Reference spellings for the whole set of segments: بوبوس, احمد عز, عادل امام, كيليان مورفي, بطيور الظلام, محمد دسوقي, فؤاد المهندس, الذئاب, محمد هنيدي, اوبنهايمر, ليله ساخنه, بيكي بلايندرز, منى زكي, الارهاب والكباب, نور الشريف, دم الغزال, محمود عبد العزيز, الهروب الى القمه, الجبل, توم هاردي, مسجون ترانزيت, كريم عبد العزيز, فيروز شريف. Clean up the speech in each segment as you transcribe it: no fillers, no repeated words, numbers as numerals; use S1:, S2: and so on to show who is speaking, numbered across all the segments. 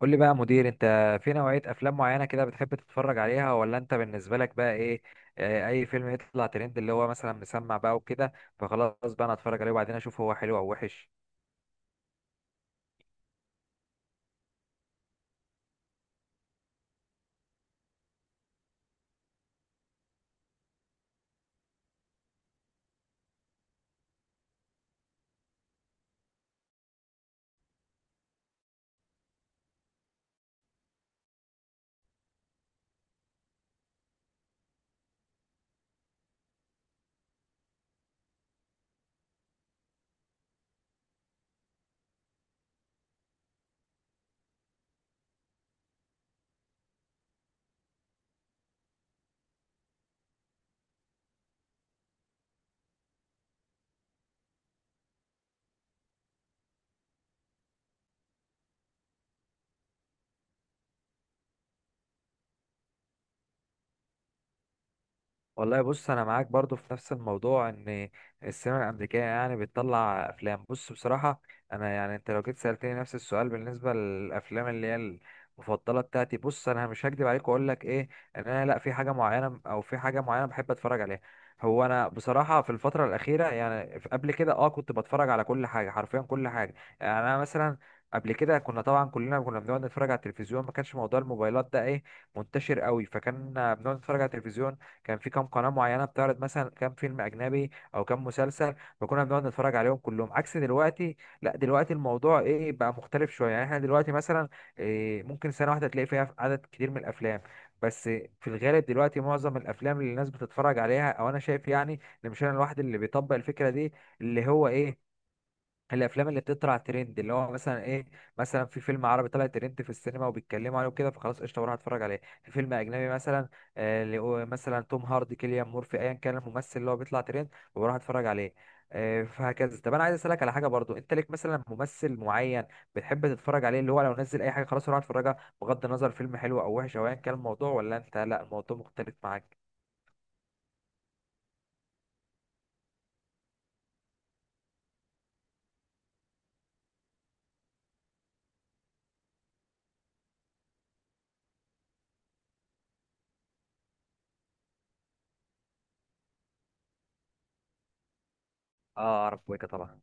S1: قول لي بقى يا مدير، انت في نوعية افلام معينة كده بتحب تتفرج عليها، ولا انت بالنسبة لك بقى ايه؟ اه، اي فيلم يطلع ترند، اللي هو مثلا مسمع بقى وكده، فخلاص بقى انا اتفرج عليه وبعدين اشوف هو حلو او وحش. والله بص، انا معاك برضو في نفس الموضوع، ان السينما الامريكيه يعني بتطلع افلام. بص بصراحه، انا يعني انت لو جيت سالتني نفس السؤال بالنسبه للافلام اللي هي المفضله بتاعتي، بص انا مش هكدب عليك واقول لك ايه، ان انا لا في حاجه معينه او في حاجه معينه بحب اتفرج عليها. هو انا بصراحه في الفتره الاخيره يعني قبل كده كنت بتفرج على كل حاجه، حرفيا كل حاجه. يعني انا مثلا قبل كده كنا طبعا كلنا كنا بنقعد نتفرج على التلفزيون، ما كانش موضوع الموبايلات ده ايه منتشر قوي، فكان بنقعد نتفرج على التلفزيون. كان في كام قناه معينه بتعرض مثلا كام فيلم اجنبي او كام مسلسل، فكنا بنقعد نتفرج عليهم كلهم، عكس دلوقتي. لا دلوقتي الموضوع ايه بقى مختلف شويه، يعني احنا دلوقتي مثلا إيه ممكن سنه واحده تلاقي فيها عدد كتير من الافلام. بس في الغالب دلوقتي معظم الافلام اللي الناس بتتفرج عليها، او انا شايف يعني، ان مش انا الواحد اللي بيطبق الفكره دي، اللي هو ايه الافلام اللي بتطلع ترند، اللي هو مثلا ايه، مثلا في فيلم عربي طلع ترند في السينما وبيتكلموا عليه وكده، فخلاص قشطه بروح اتفرج عليه. في فيلم اجنبي مثلا اللي هو مثلا توم هاردي، كيليان مورفي، ايا كان الممثل اللي هو بيطلع ترند، وبروح اتفرج عليه فهكذا. طب انا عايز اسالك على حاجه برضو، انت ليك مثلا ممثل معين بتحب تتفرج عليه، اللي هو لو نزل اي حاجه خلاص اروح اتفرجها، بغض النظر فيلم حلو او وحش او ايا كان الموضوع، ولا انت لا الموضوع مختلف معاك؟ اه اعرف بويكا طبعا.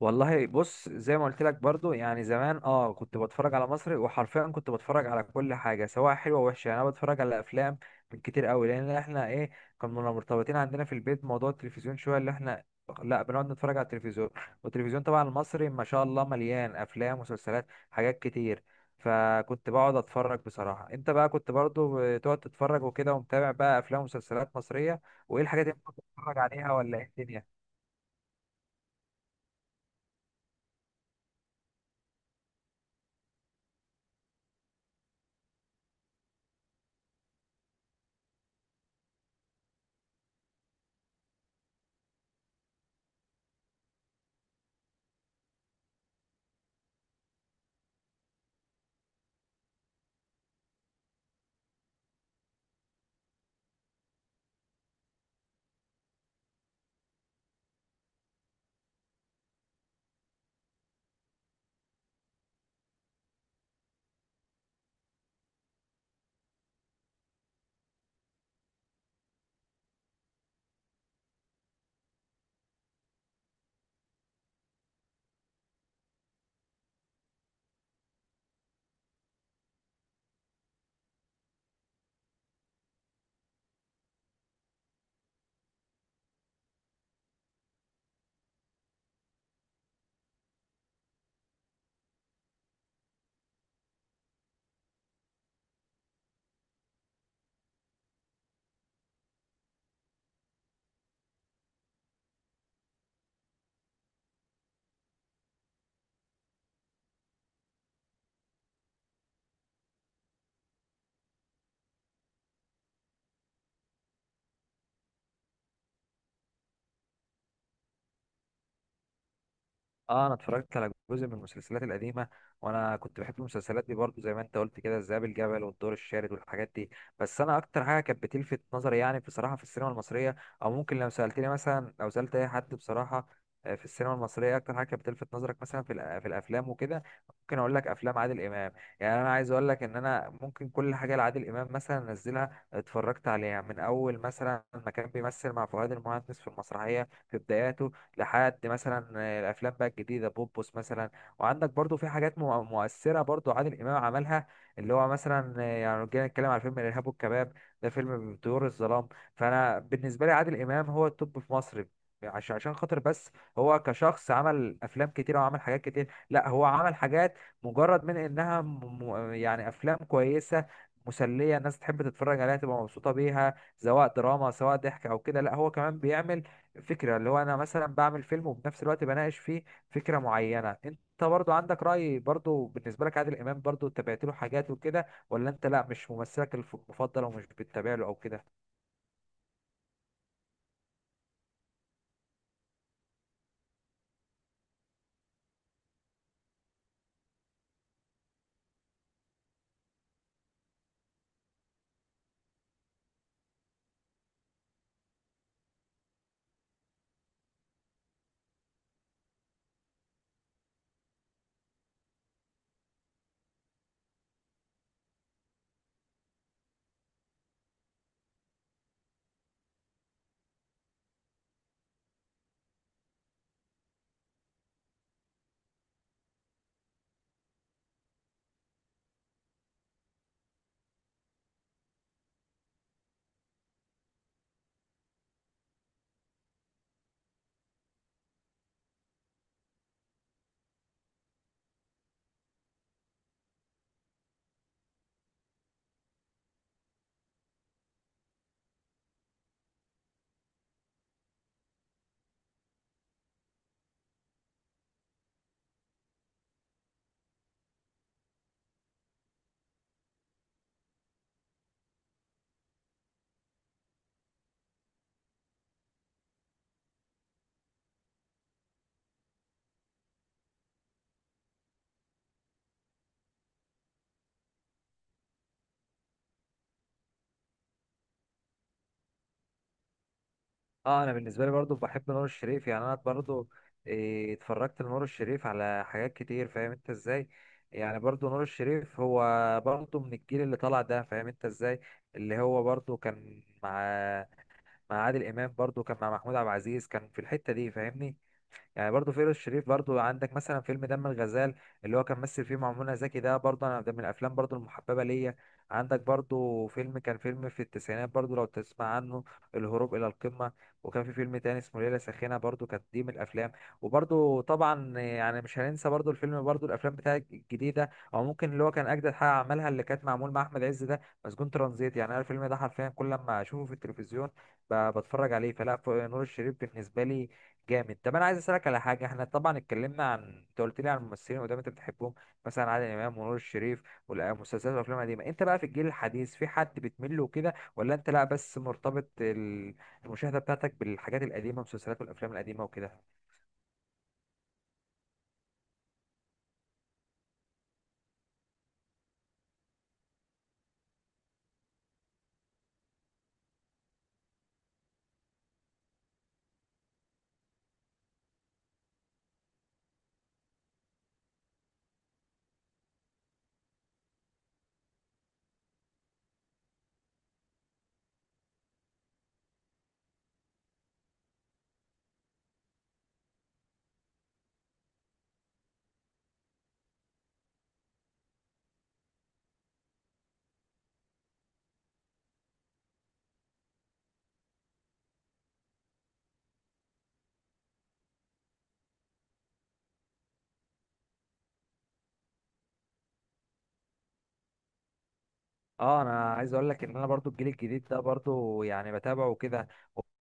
S1: والله بص، زي ما قلت لك برضو، يعني زمان كنت بتفرج على مصري، وحرفيا كنت بتفرج على كل حاجه سواء حلوه ووحشه. يعني انا بتفرج على افلام من كتير قوي، لان احنا ايه، كنا مرتبطين عندنا في البيت موضوع التلفزيون شويه، اللي احنا لا بنقعد نتفرج على التلفزيون، والتلفزيون طبعا المصري ما شاء الله مليان افلام، مسلسلات، حاجات كتير، فكنت بقعد اتفرج بصراحه. انت بقى كنت برضو بتقعد تتفرج وكده، ومتابع بقى افلام ومسلسلات مصريه، وايه الحاجات اللي انت كنت بتتفرج عليها، ولا ايه الدنيا؟ اه انا اتفرجت على جزء من المسلسلات القديمه، وانا كنت بحب المسلسلات دي برضو زي ما انت قلت كده، الذئاب الجبل والدور الشارد والحاجات دي. بس انا اكتر حاجه كانت بتلفت نظري يعني بصراحه في السينما المصريه، او ممكن لو سالتني مثلا، لو سالت اي حد بصراحه في السينما المصريه اكتر حاجه كانت بتلفت نظرك مثلا في في الافلام وكده، ممكن اقول لك افلام عادل امام. يعني انا عايز اقول لك ان انا ممكن كل حاجه لعادل امام مثلا انزلها اتفرجت عليها، من اول مثلا ما كان بيمثل مع فؤاد المهندس في المسرحيه في بداياته، لحد مثلا الافلام بقى الجديده بوبوس مثلا. وعندك برضو في حاجات مؤثره برضو عادل امام عملها، اللي هو مثلا يعني لو جينا نتكلم على فيلم الارهاب والكباب، ده فيلم بطيور الظلام. فانا بالنسبه لي عادل امام هو التوب في مصر، عشان خاطر بس، هو كشخص عمل افلام كتير وعمل حاجات كتير. لا هو عمل حاجات مجرد من انها يعني افلام كويسه مسليه، الناس تحب تتفرج عليها تبقى مبسوطه بيها، سواء دراما سواء ضحك او كده. لا هو كمان بيعمل فكرة، اللي هو أنا مثلا بعمل فيلم وبنفس الوقت بناقش فيه فكرة معينة. أنت برضو عندك رأي برضو بالنسبة لك عادل إمام؟ برضو تابعت له حاجات وكده، ولا أنت لأ مش ممثلك المفضل ومش بتتابع له أو كده؟ أه أنا بالنسبة لي برضو بحب نور الشريف. يعني أنا برضو اتفرجت لنور الشريف على حاجات كتير، فاهم أنت إزاي. يعني برضو نور الشريف هو برضو من الجيل اللي طلع ده، فاهم أنت إزاي، اللي هو برضو كان مع عادل إمام، برضو كان مع محمود عبد العزيز، كان في الحتة دي فاهمني. يعني برضو فيروز شريف برضو، عندك مثلا فيلم دم الغزال اللي هو كان مثل فيه مع منى زكي، ده برضو انا ده من الافلام برضو المحببه ليا. عندك برضو فيلم، كان فيلم في التسعينات برضو لو تسمع عنه، الهروب الى القمه. وكان في فيلم تاني اسمه ليله ساخنه، برضو كانت دي من الافلام. وبرضو طبعا يعني مش هننسى برضو الفيلم، برضو الافلام بتاعت الجديده، او ممكن اللي هو كان اجدد حاجه عملها، اللي كانت معمول مع احمد عز، ده مسجون ترانزيت. يعني انا الفيلم ده حرفيا كل لما اشوفه في التلفزيون بتفرج عليه. فلا نور الشريف بالنسبه لي جامد. طب انا عايز اسالك على حاجه، احنا طبعا اتكلمنا عن، انت قلت لي عن الممثلين قدام انت بتحبهم، مثلا عادل امام ونور الشريف والمسلسلات والافلام القديمه. انت بقى في الجيل الحديث، في حد بتميل له كده، ولا انت لا بس مرتبط المشاهده بتاعتك بالحاجات القديمه، المسلسلات والافلام القديمه وكده؟ اه انا عايز اقول لك ان انا برضو الجيل الجديد ده برضو يعني بتابعه وكده،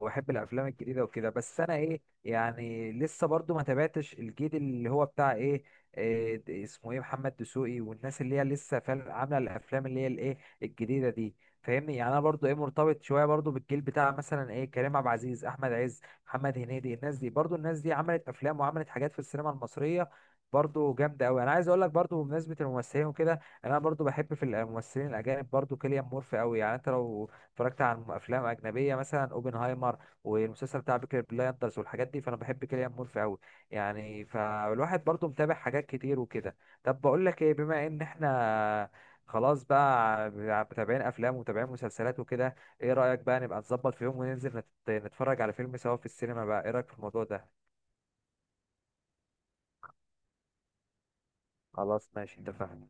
S1: وبحب الافلام الجديده وكده. بس انا ايه يعني لسه برضو ما تابعتش الجيل اللي هو بتاع ايه، إيه اسمه ايه محمد دسوقي، والناس اللي هي لسه فعلا عامله الافلام اللي هي الايه الجديده دي فاهمني. يعني انا برضو ايه مرتبط شويه برضو بالجيل بتاع مثلا ايه كريم عبد العزيز، احمد عز، محمد هنيدي، الناس دي، برضو الناس دي عملت افلام وعملت حاجات في السينما المصريه برضو جامده قوي. انا عايز اقول لك برضو بمناسبه الممثلين وكده، انا برضو بحب في الممثلين الاجانب برضو كيليان مورفي قوي. يعني انت لو اتفرجت على افلام اجنبيه مثلا اوبنهايمر والمسلسل بتاع بيكي بلايندرز والحاجات دي، فانا بحب كيليان مورفي قوي. يعني فالواحد برضو متابع حاجات كتير وكده. طب بقول لك ايه، بما ان احنا خلاص بقى متابعين افلام ومتابعين مسلسلات وكده، ايه رايك بقى نبقى نظبط في يوم وننزل نتفرج على فيلم سوا في السينما، بقى ايه رايك في الموضوع ده؟ خلاص ماشي اتفقنا.